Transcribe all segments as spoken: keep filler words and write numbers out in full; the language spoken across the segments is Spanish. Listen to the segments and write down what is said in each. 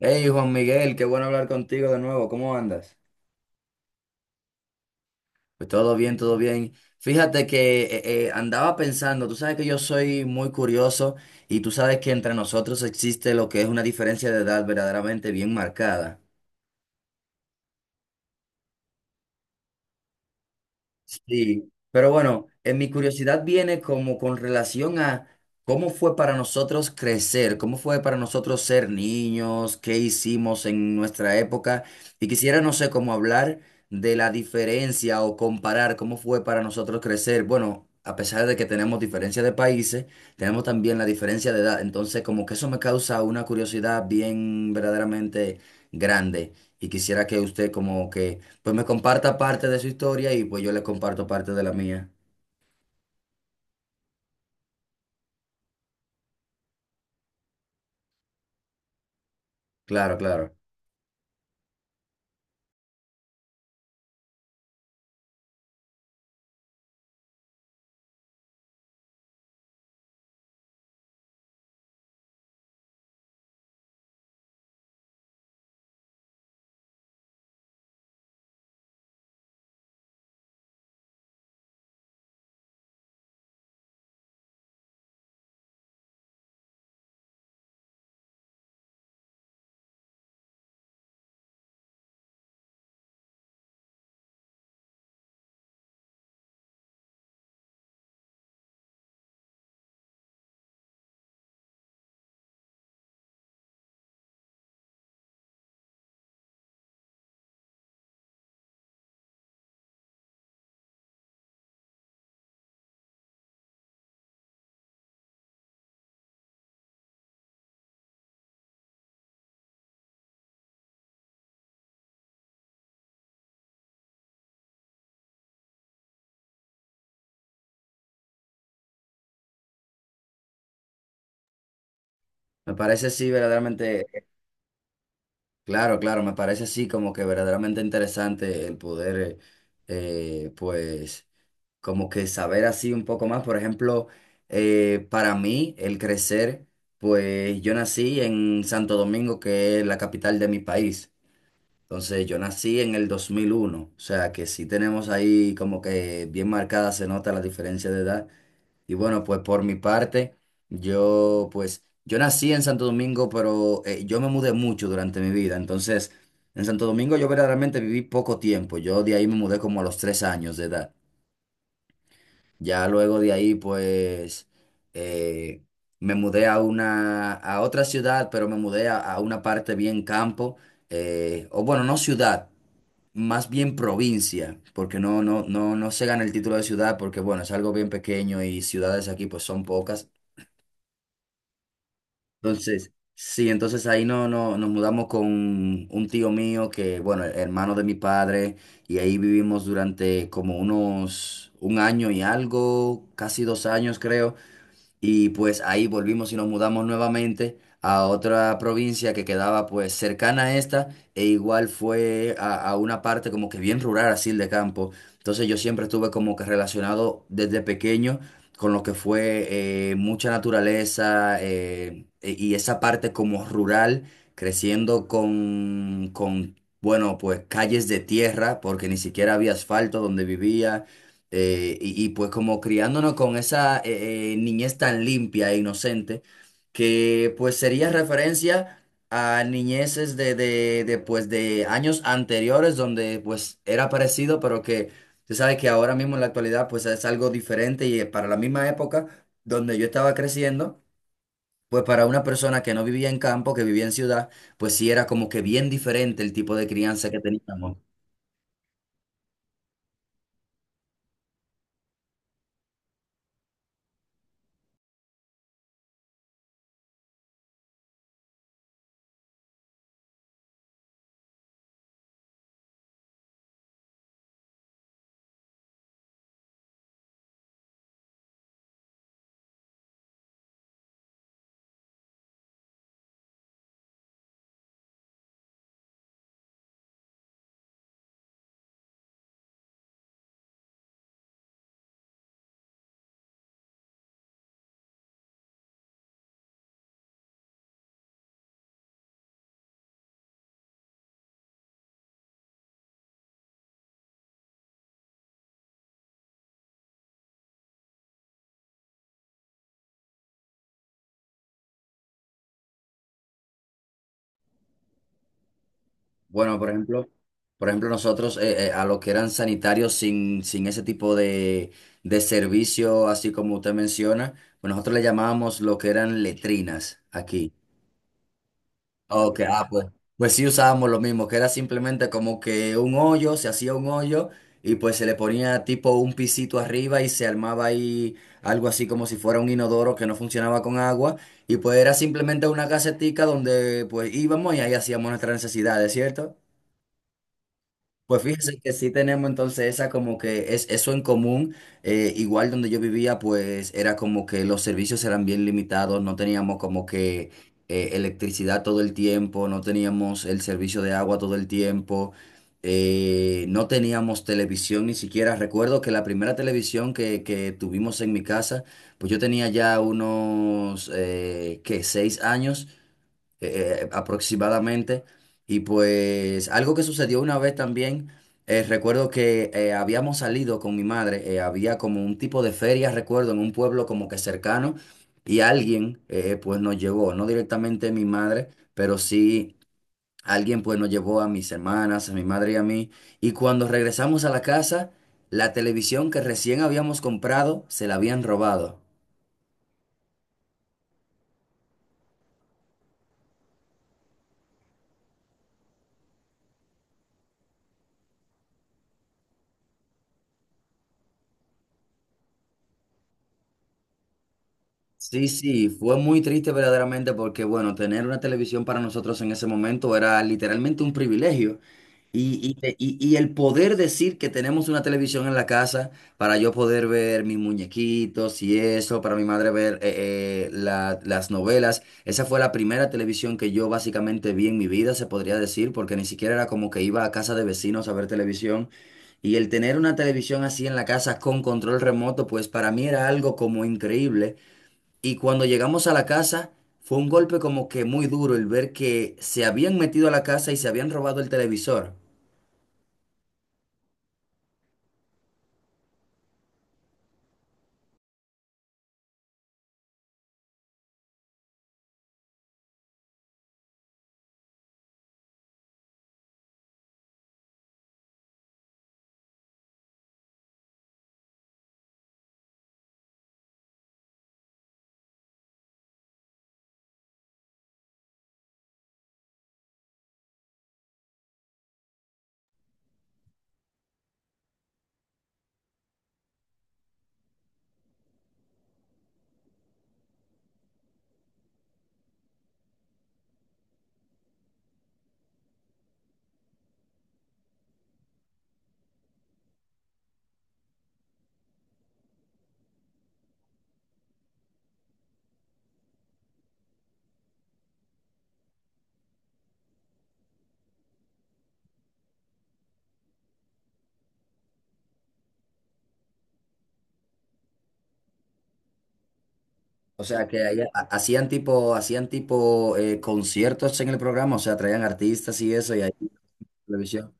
Hey Juan Miguel, qué bueno hablar contigo de nuevo. ¿Cómo andas? Pues todo bien, todo bien. Fíjate que eh, eh, andaba pensando, tú sabes que yo soy muy curioso y tú sabes que entre nosotros existe lo que es una diferencia de edad verdaderamente bien marcada. Sí, pero bueno, en mi curiosidad viene como con relación a cómo fue para nosotros crecer, cómo fue para nosotros ser niños, qué hicimos en nuestra época. Y quisiera, no sé, cómo hablar de la diferencia o comparar cómo fue para nosotros crecer. Bueno, a pesar de que tenemos diferencia de países, tenemos también la diferencia de edad. Entonces, como que eso me causa una curiosidad bien verdaderamente grande. Y quisiera que usted como que pues me comparta parte de su historia y pues yo le comparto parte de la mía. Claro, claro. Me parece así verdaderamente, claro, claro, me parece así como que verdaderamente interesante el poder, eh, eh, pues, como que saber así un poco más. Por ejemplo, eh, para mí, el crecer, pues yo nací en Santo Domingo, que es la capital de mi país. Entonces, yo nací en el dos mil uno, o sea que sí tenemos ahí como que bien marcada, se nota la diferencia de edad. Y bueno, pues por mi parte, yo pues yo nací en Santo Domingo, pero eh, yo me mudé mucho durante mi vida. Entonces, en Santo Domingo yo verdaderamente viví poco tiempo. Yo de ahí me mudé como a los tres años de edad. Ya luego de ahí, pues eh, me mudé a una a otra ciudad, pero me mudé a, a una parte bien campo, eh, o bueno, no ciudad, más bien provincia, porque no, no, no, no se gana el título de ciudad, porque bueno, es algo bien pequeño y ciudades aquí pues son pocas. Entonces, sí, entonces ahí no, no nos mudamos con un tío mío que, bueno, hermano de mi padre, y ahí vivimos durante como unos un año y algo, casi dos años creo. Y pues ahí volvimos y nos mudamos nuevamente a otra provincia que quedaba pues cercana a esta e igual fue a, a una parte como que bien rural, así de campo. Entonces yo siempre estuve como que relacionado desde pequeño con lo que fue eh, mucha naturaleza eh, e- y esa parte como rural, creciendo con, con, bueno, pues calles de tierra, porque ni siquiera había asfalto donde vivía, eh, y, y, pues como criándonos con esa eh, eh, niñez tan limpia e inocente, que pues sería referencia a niñeces de, de, de, pues, de años anteriores donde pues era parecido, pero que tú sabes que ahora mismo en la actualidad pues es algo diferente y, eh, para la misma época donde yo estaba creciendo. Pues para una persona que no vivía en campo, que vivía en ciudad, pues sí era como que bien diferente el tipo de crianza que teníamos. Bueno, por ejemplo, por ejemplo, nosotros eh, eh, a los que eran sanitarios sin, sin ese tipo de, de servicio, así como usted menciona, pues nosotros le llamábamos lo que eran letrinas aquí. Ok, ah, pues, pues sí usábamos lo mismo, que era simplemente como que un hoyo, se hacía un hoyo y pues se le ponía tipo un pisito arriba y se armaba ahí algo así como si fuera un inodoro que no funcionaba con agua y pues era simplemente una casetica donde pues íbamos y ahí hacíamos nuestras necesidades, ¿cierto? Pues fíjese que sí tenemos entonces esa como que es eso en común. Eh, igual donde yo vivía, pues era como que los servicios eran bien limitados, no teníamos como que eh, electricidad todo el tiempo, no teníamos el servicio de agua todo el tiempo, eh, no teníamos televisión ni siquiera. Recuerdo que la primera televisión que, que tuvimos en mi casa, pues yo tenía ya unos, eh, ¿qué? Seis años eh, eh, aproximadamente. Y pues algo que sucedió una vez también, eh, recuerdo que eh, habíamos salido con mi madre, eh, había como un tipo de feria, recuerdo, en un pueblo como que cercano, y alguien, eh, eh, pues nos llevó, no directamente mi madre, pero sí alguien pues nos llevó a mis hermanas, a mi madre y a mí. Y cuando regresamos a la casa, la televisión que recién habíamos comprado se la habían robado. Sí, sí, fue muy triste verdaderamente porque, bueno, tener una televisión para nosotros en ese momento era literalmente un privilegio. Y, y, y- y el poder decir que tenemos una televisión en la casa para yo poder ver mis muñequitos y eso, para mi madre ver eh, eh, la- las novelas. Esa fue la primera televisión que yo básicamente vi en mi vida, se podría decir, porque ni siquiera era como que iba a casa de vecinos a ver televisión. Y el tener una televisión así en la casa con control remoto, pues para mí era algo como increíble. Y cuando llegamos a la casa, fue un golpe como que muy duro el ver que se habían metido a la casa y se habían robado el televisor. O sea, que ahí ha- hacían tipo, hacían tipo eh, conciertos en el programa, o sea, traían artistas y eso y ahí la televisión.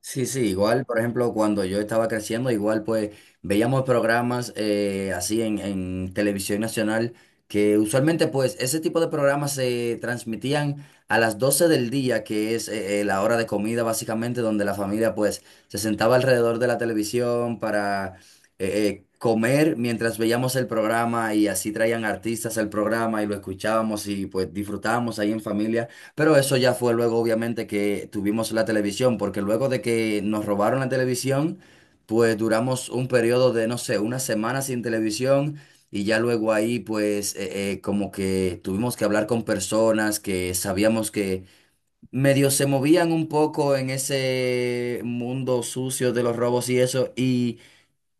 Sí, sí, igual, por ejemplo, cuando yo estaba creciendo, igual pues veíamos programas eh, así en, en televisión nacional, que usualmente pues ese tipo de programas se transmitían a las doce del día, que es eh, eh, la hora de comida básicamente, donde la familia pues se sentaba alrededor de la televisión para eh, eh, comer mientras veíamos el programa y así traían artistas al programa y lo escuchábamos y pues disfrutábamos ahí en familia. Pero eso ya fue luego, obviamente, que tuvimos la televisión, porque luego de que nos robaron la televisión, pues duramos un periodo de, no sé, una semana sin televisión y ya luego ahí, pues, eh, eh, como que tuvimos que hablar con personas que sabíamos que medio se movían un poco en ese mundo sucio de los robos y eso, y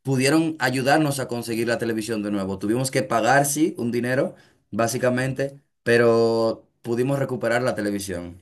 pudieron ayudarnos a conseguir la televisión de nuevo. Tuvimos que pagar, sí, un dinero, básicamente, pero pudimos recuperar la televisión.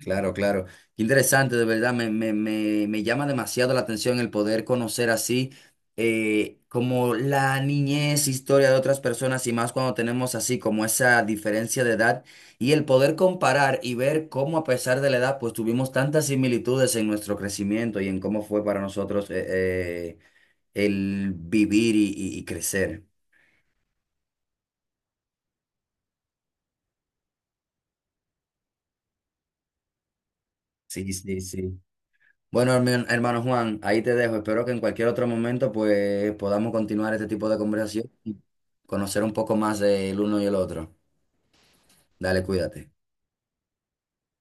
Claro, claro. Qué interesante, de verdad, me, me, me, me llama demasiado la atención el poder conocer así, eh, como la niñez, historia de otras personas y más cuando tenemos así como esa diferencia de edad y el poder comparar y ver cómo a pesar de la edad pues tuvimos tantas similitudes en nuestro crecimiento y en cómo fue para nosotros eh, eh, el vivir y, y y crecer. Sí, sí, sí. Bueno, hermi- hermano Juan, ahí te dejo. Espero que en cualquier otro momento pues podamos continuar este tipo de conversación y conocer un poco más del uno y el otro. Dale, cuídate.